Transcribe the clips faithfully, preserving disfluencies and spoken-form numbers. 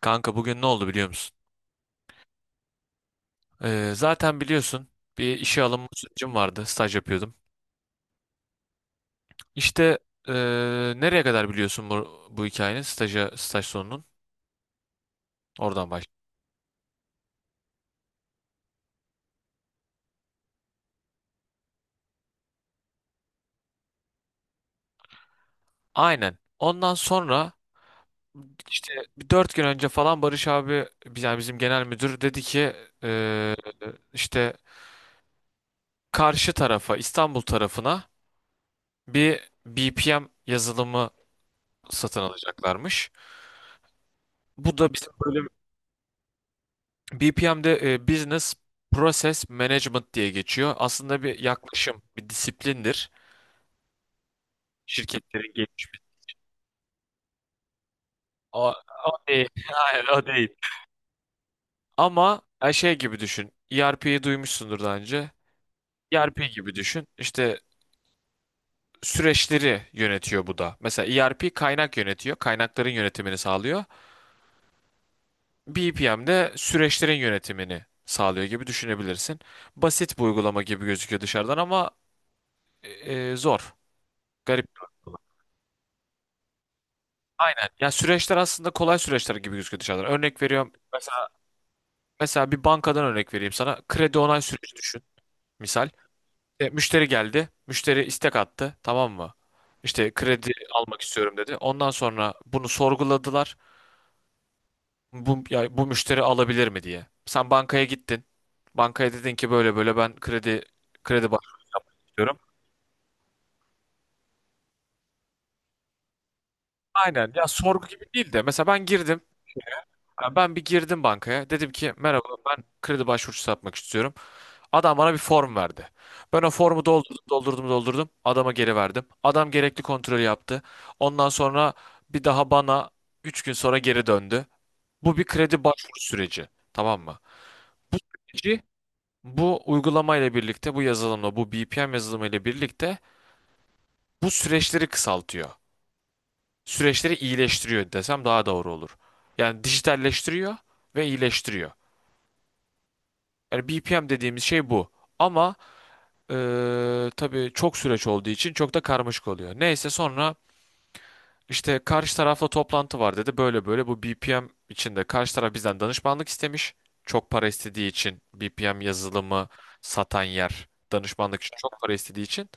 Kanka bugün ne oldu biliyor musun? Ee, zaten biliyorsun bir işe alınma sürecim vardı. Staj yapıyordum. İşte ee, nereye kadar biliyorsun bu, bu hikayenin staja, staj sonunun? Oradan baş. Aynen. Ondan sonra işte bir dört gün önce falan Barış abi yani bizim genel müdür dedi ki ee, işte karşı tarafa İstanbul tarafına bir B P M yazılımı satın alacaklarmış. Bu da bizim bölüm. B P M'de e, Business Process Management diye geçiyor. Aslında bir yaklaşım, bir disiplindir. Şirketlerin gelişmesi. O, o değil. Hayır, o değil. Ama e, şey gibi düşün. E R P'yi duymuşsundur daha önce. E R P gibi düşün. İşte süreçleri yönetiyor bu da. Mesela E R P kaynak yönetiyor. Kaynakların yönetimini sağlıyor. B P M de süreçlerin yönetimini sağlıyor gibi düşünebilirsin. Basit bir uygulama gibi gözüküyor dışarıdan ama e, e, zor. Garip. Aynen. Ya süreçler aslında kolay süreçler gibi gözüküyor dışarıdan. Örnek veriyorum. Mesela, mesela bir bankadan örnek vereyim sana. Kredi onay süreci düşün. Misal. E, müşteri geldi. Müşteri istek attı. Tamam mı? İşte kredi almak istiyorum dedi. Ondan sonra bunu sorguladılar. Bu, ya, bu müşteri alabilir mi diye. Sen bankaya gittin. Bankaya dedin ki böyle böyle ben kredi kredi başvuruyorum. Aynen. Ya sorgu gibi değil de. Mesela ben girdim. Ya ben bir girdim bankaya. Dedim ki merhaba ben kredi başvurusu yapmak istiyorum. Adam bana bir form verdi. Ben o formu doldurdum, doldurdum, doldurdum. Adama geri verdim. Adam gerekli kontrolü yaptı. Ondan sonra bir daha bana üç gün sonra geri döndü. Bu bir kredi başvuru süreci. Tamam mı? Bu süreci bu uygulamayla birlikte, bu yazılımla, bu B P M yazılımıyla birlikte bu süreçleri kısaltıyor. Süreçleri iyileştiriyor desem daha doğru olur. Yani dijitalleştiriyor ve iyileştiriyor. Yani B P M dediğimiz şey bu. Ama Ee, tabii çok süreç olduğu için çok da karmaşık oluyor. Neyse sonra işte karşı tarafla toplantı var dedi. Böyle böyle bu B P M içinde karşı taraf bizden danışmanlık istemiş. Çok para istediği için B P M yazılımı satan yer danışmanlık için çok para istediği için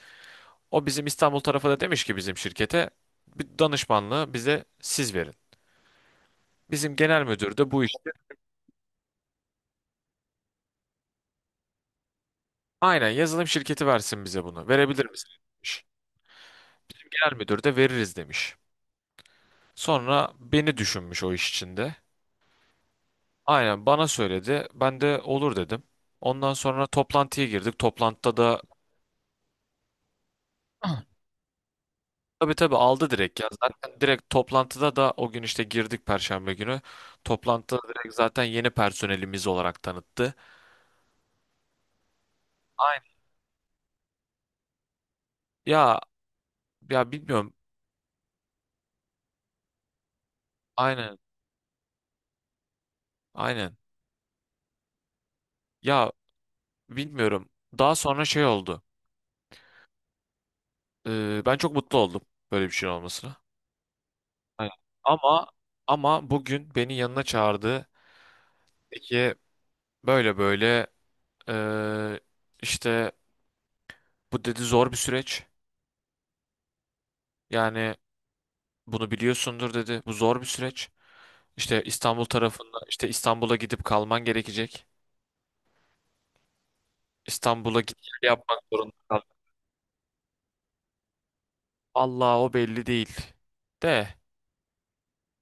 o bizim İstanbul tarafı da demiş ki bizim şirkete bir danışmanlığı bize siz verin. Bizim genel müdür de bu işte aynen yazılım şirketi versin bize bunu. Verebilir misiniz, demiş. Bizim genel müdür de veririz demiş. Sonra beni düşünmüş o iş içinde. Aynen bana söyledi. Ben de olur dedim. Ondan sonra toplantıya girdik. Toplantıda da tabii tabii aldı direkt ya. Zaten direkt toplantıda da o gün işte girdik Perşembe günü. Toplantıda direkt zaten yeni personelimiz olarak tanıttı. Aynen. Ya ya bilmiyorum. Aynen. Aynen. Ya bilmiyorum. Daha sonra şey oldu. Ee, ben çok mutlu oldum böyle bir şey olmasına. Aynen. Ama ama bugün beni yanına çağırdı. Peki böyle böyle ee, işte bu dedi zor bir süreç. Yani bunu biliyorsundur dedi. Bu zor bir süreç. İşte İstanbul tarafında işte İstanbul'a gidip kalman gerekecek. İstanbul'a git gel yapmak zorunda kal. Allah o belli değil. De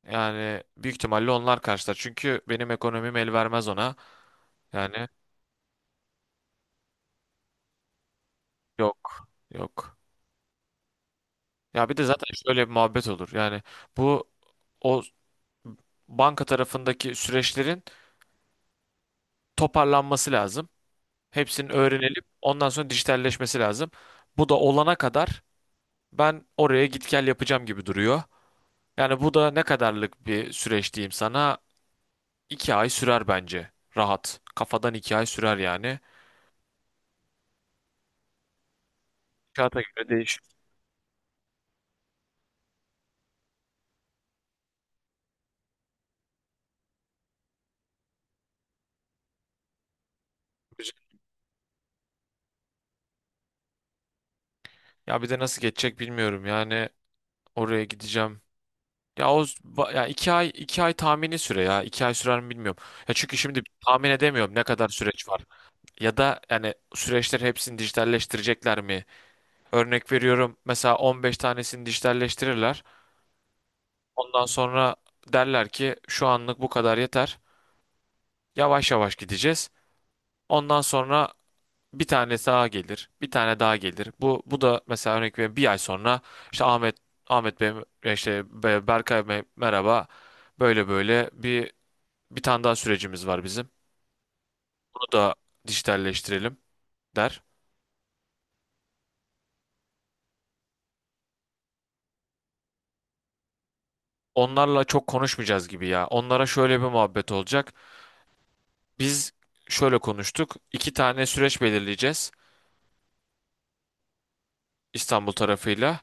yani büyük ihtimalle onlar karşılar. Çünkü benim ekonomim el vermez ona. Yani yok yok. Ya bir de zaten şöyle bir muhabbet olur. Yani bu o banka tarafındaki süreçlerin toparlanması lazım. Hepsinin öğrenilip ondan sonra dijitalleşmesi lazım. Bu da olana kadar ben oraya git gel yapacağım gibi duruyor. Yani bu da ne kadarlık bir süreç diyeyim sana? İki ay sürer bence. Rahat. Kafadan iki ay sürer yani. Kağıta göre değişir. Ya bir de nasıl geçecek bilmiyorum. Yani oraya gideceğim. Ya o ba- ya iki ay iki ay tahmini süre ya. İki ay sürer mi bilmiyorum. Ya çünkü şimdi tahmin edemiyorum ne kadar süreç var. Ya da yani süreçleri hepsini dijitalleştirecekler mi? Örnek veriyorum mesela on beş tanesini dijitalleştirirler. Ondan sonra derler ki şu anlık bu kadar yeter. Yavaş yavaş gideceğiz. Ondan sonra bir tane daha gelir, bir tane daha gelir. Bu bu da mesela örnek veriyorum bir ay sonra işte Ahmet Ahmet Bey e, işte Be- Berkay Bey merhaba. Böyle böyle bir bir tane daha sürecimiz var bizim. Bunu da dijitalleştirelim der. Onlarla çok konuşmayacağız gibi ya. Onlara şöyle bir muhabbet olacak. Biz şöyle konuştuk. İki tane süreç belirleyeceğiz İstanbul tarafıyla.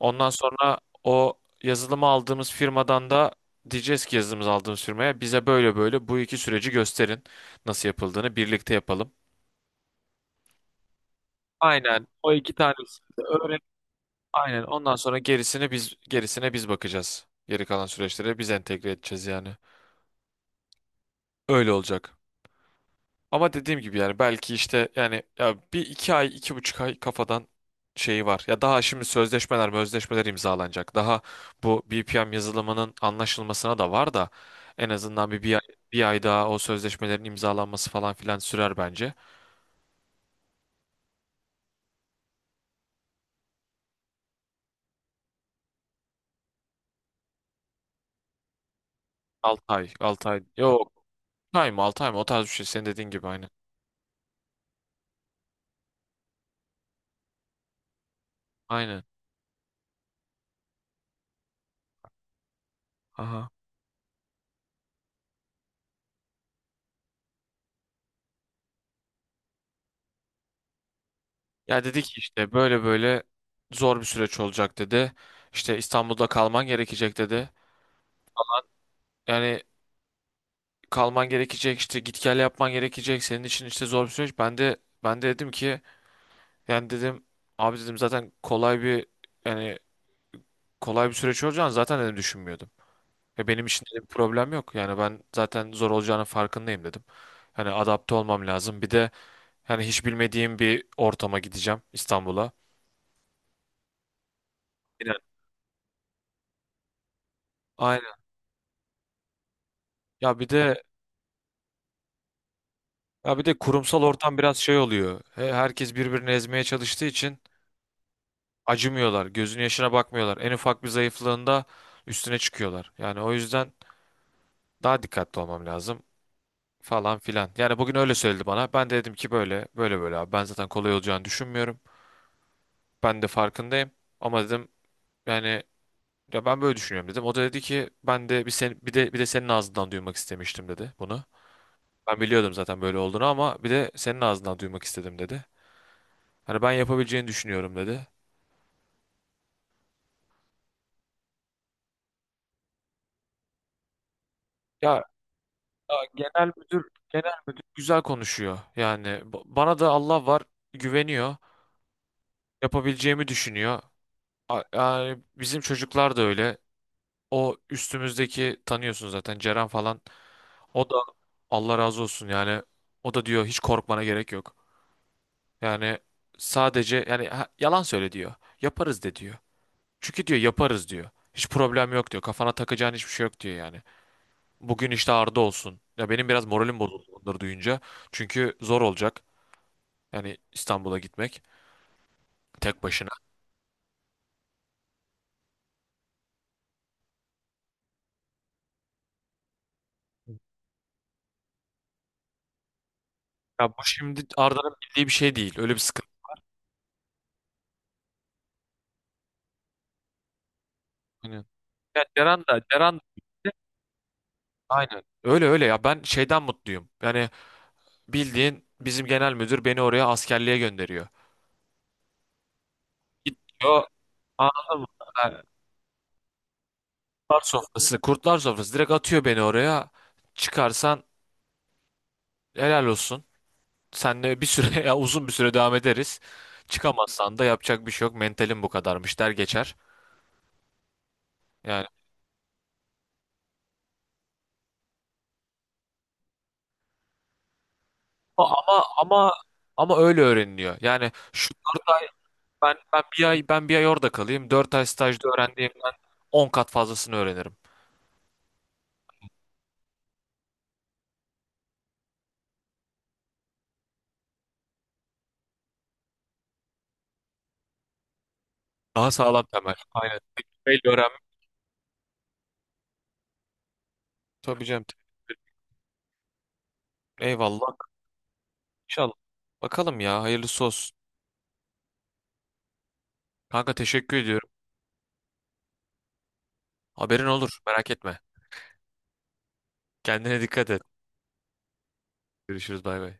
Ondan sonra o yazılımı aldığımız firmadan da diyeceğiz ki yazılımımızı aldığımız firmaya bize böyle böyle bu iki süreci gösterin nasıl yapıldığını birlikte yapalım. Aynen o iki tanesini de öğren. Aynen ondan sonra gerisini biz gerisine biz bakacağız. Geri kalan süreçlere biz entegre edeceğiz yani. Öyle olacak. Ama dediğim gibi yani belki işte yani ya bir iki ay iki buçuk ay kafadan şeyi var. Ya daha şimdi sözleşmeler sözleşmeler imzalanacak. Daha bu B P M yazılımının anlaşılmasına da var da en azından bir, bir ay, bir ay daha o sözleşmelerin imzalanması falan filan sürer bence. altı ay altı ay yok altı ay mı altı ay mı o tarz bir şey senin dediğin gibi aynı. Aynen. Aha. Ya dedi ki işte böyle böyle zor bir süreç olacak dedi. İşte İstanbul'da kalman gerekecek dedi. Yani kalman gerekecek işte git gel yapman gerekecek senin için işte zor bir süreç. Ben de ben de dedim ki yani dedim abi dedim zaten kolay bir yani kolay bir süreç olacağını zaten dedim düşünmüyordum. Ve benim için dedim problem yok. Yani ben zaten zor olacağının farkındayım dedim. Hani adapte olmam lazım. Bir de yani hiç bilmediğim bir ortama gideceğim İstanbul'a. Aynen. Aynen. Ya bir de ya bir de kurumsal ortam biraz şey oluyor. He- Herkes birbirini ezmeye çalıştığı için acımıyorlar. Gözünün yaşına bakmıyorlar. En ufak bir zayıflığında üstüne çıkıyorlar. Yani o yüzden daha dikkatli olmam lazım falan filan. Yani bugün öyle söyledi bana. Ben de dedim ki böyle böyle böyle abi. Ben zaten kolay olacağını düşünmüyorum. Ben de farkındayım. Ama dedim yani ya ben böyle düşünüyorum dedim. O da dedi ki ben de bir sen bir de bir de senin ağzından duymak istemiştim dedi bunu. Ben biliyordum zaten böyle olduğunu ama bir de senin ağzından duymak istedim dedi. Hani ben yapabileceğini düşünüyorum dedi. Ya Ya genel müdür genel müdür güzel konuşuyor. Yani ba- bana da Allah var güveniyor. Yapabileceğimi düşünüyor. A- Yani bizim çocuklar da öyle. O üstümüzdeki tanıyorsun zaten Ceren falan. O da Allah razı olsun yani. O da diyor hiç korkmana gerek yok. Yani sadece yani ha- yalan söyle diyor. Yaparız de diyor. Çünkü diyor yaparız diyor. Hiç problem yok diyor. Kafana takacağın hiçbir şey yok diyor yani. Bugün işte Arda olsun. Ya benim biraz moralim bozuldu onları duyunca. Çünkü zor olacak. Yani İstanbul'a gitmek tek başına. Ya bu şimdi Arda'nın bildiği bir şey değil. Öyle bir sıkıntı. Aynen. Ya Ceren de, Ceren de- aynen. Öyle öyle ya ben şeyden mutluyum. Yani bildiğin bizim genel müdür beni oraya askerliğe gönderiyor. Gidiyor anladın mı? Ha, Kurtlar sofrası, kurtlar sofrası direkt atıyor beni oraya. Çıkarsan helal olsun. Senle bir süre ya uzun bir süre devam ederiz. Çıkamazsan da yapacak bir şey yok. Mentalim bu kadarmış der geçer. Yani. Ama ama ama ama öyle öğreniliyor. Yani şu ben ben bir ay ben bir ay orada kalayım. Dört ay stajda öğrendiğimden on kat fazlasını öğrenirim. Daha sağlam temel. Aynen. Tecrübeyle öğrenmek. Tabii canım. Eyvallah. İnşallah. Bakalım ya. Hayırlısı olsun. Kanka teşekkür ediyorum. Haberin olur. Merak etme. Kendine dikkat et. Görüşürüz. Bay bay.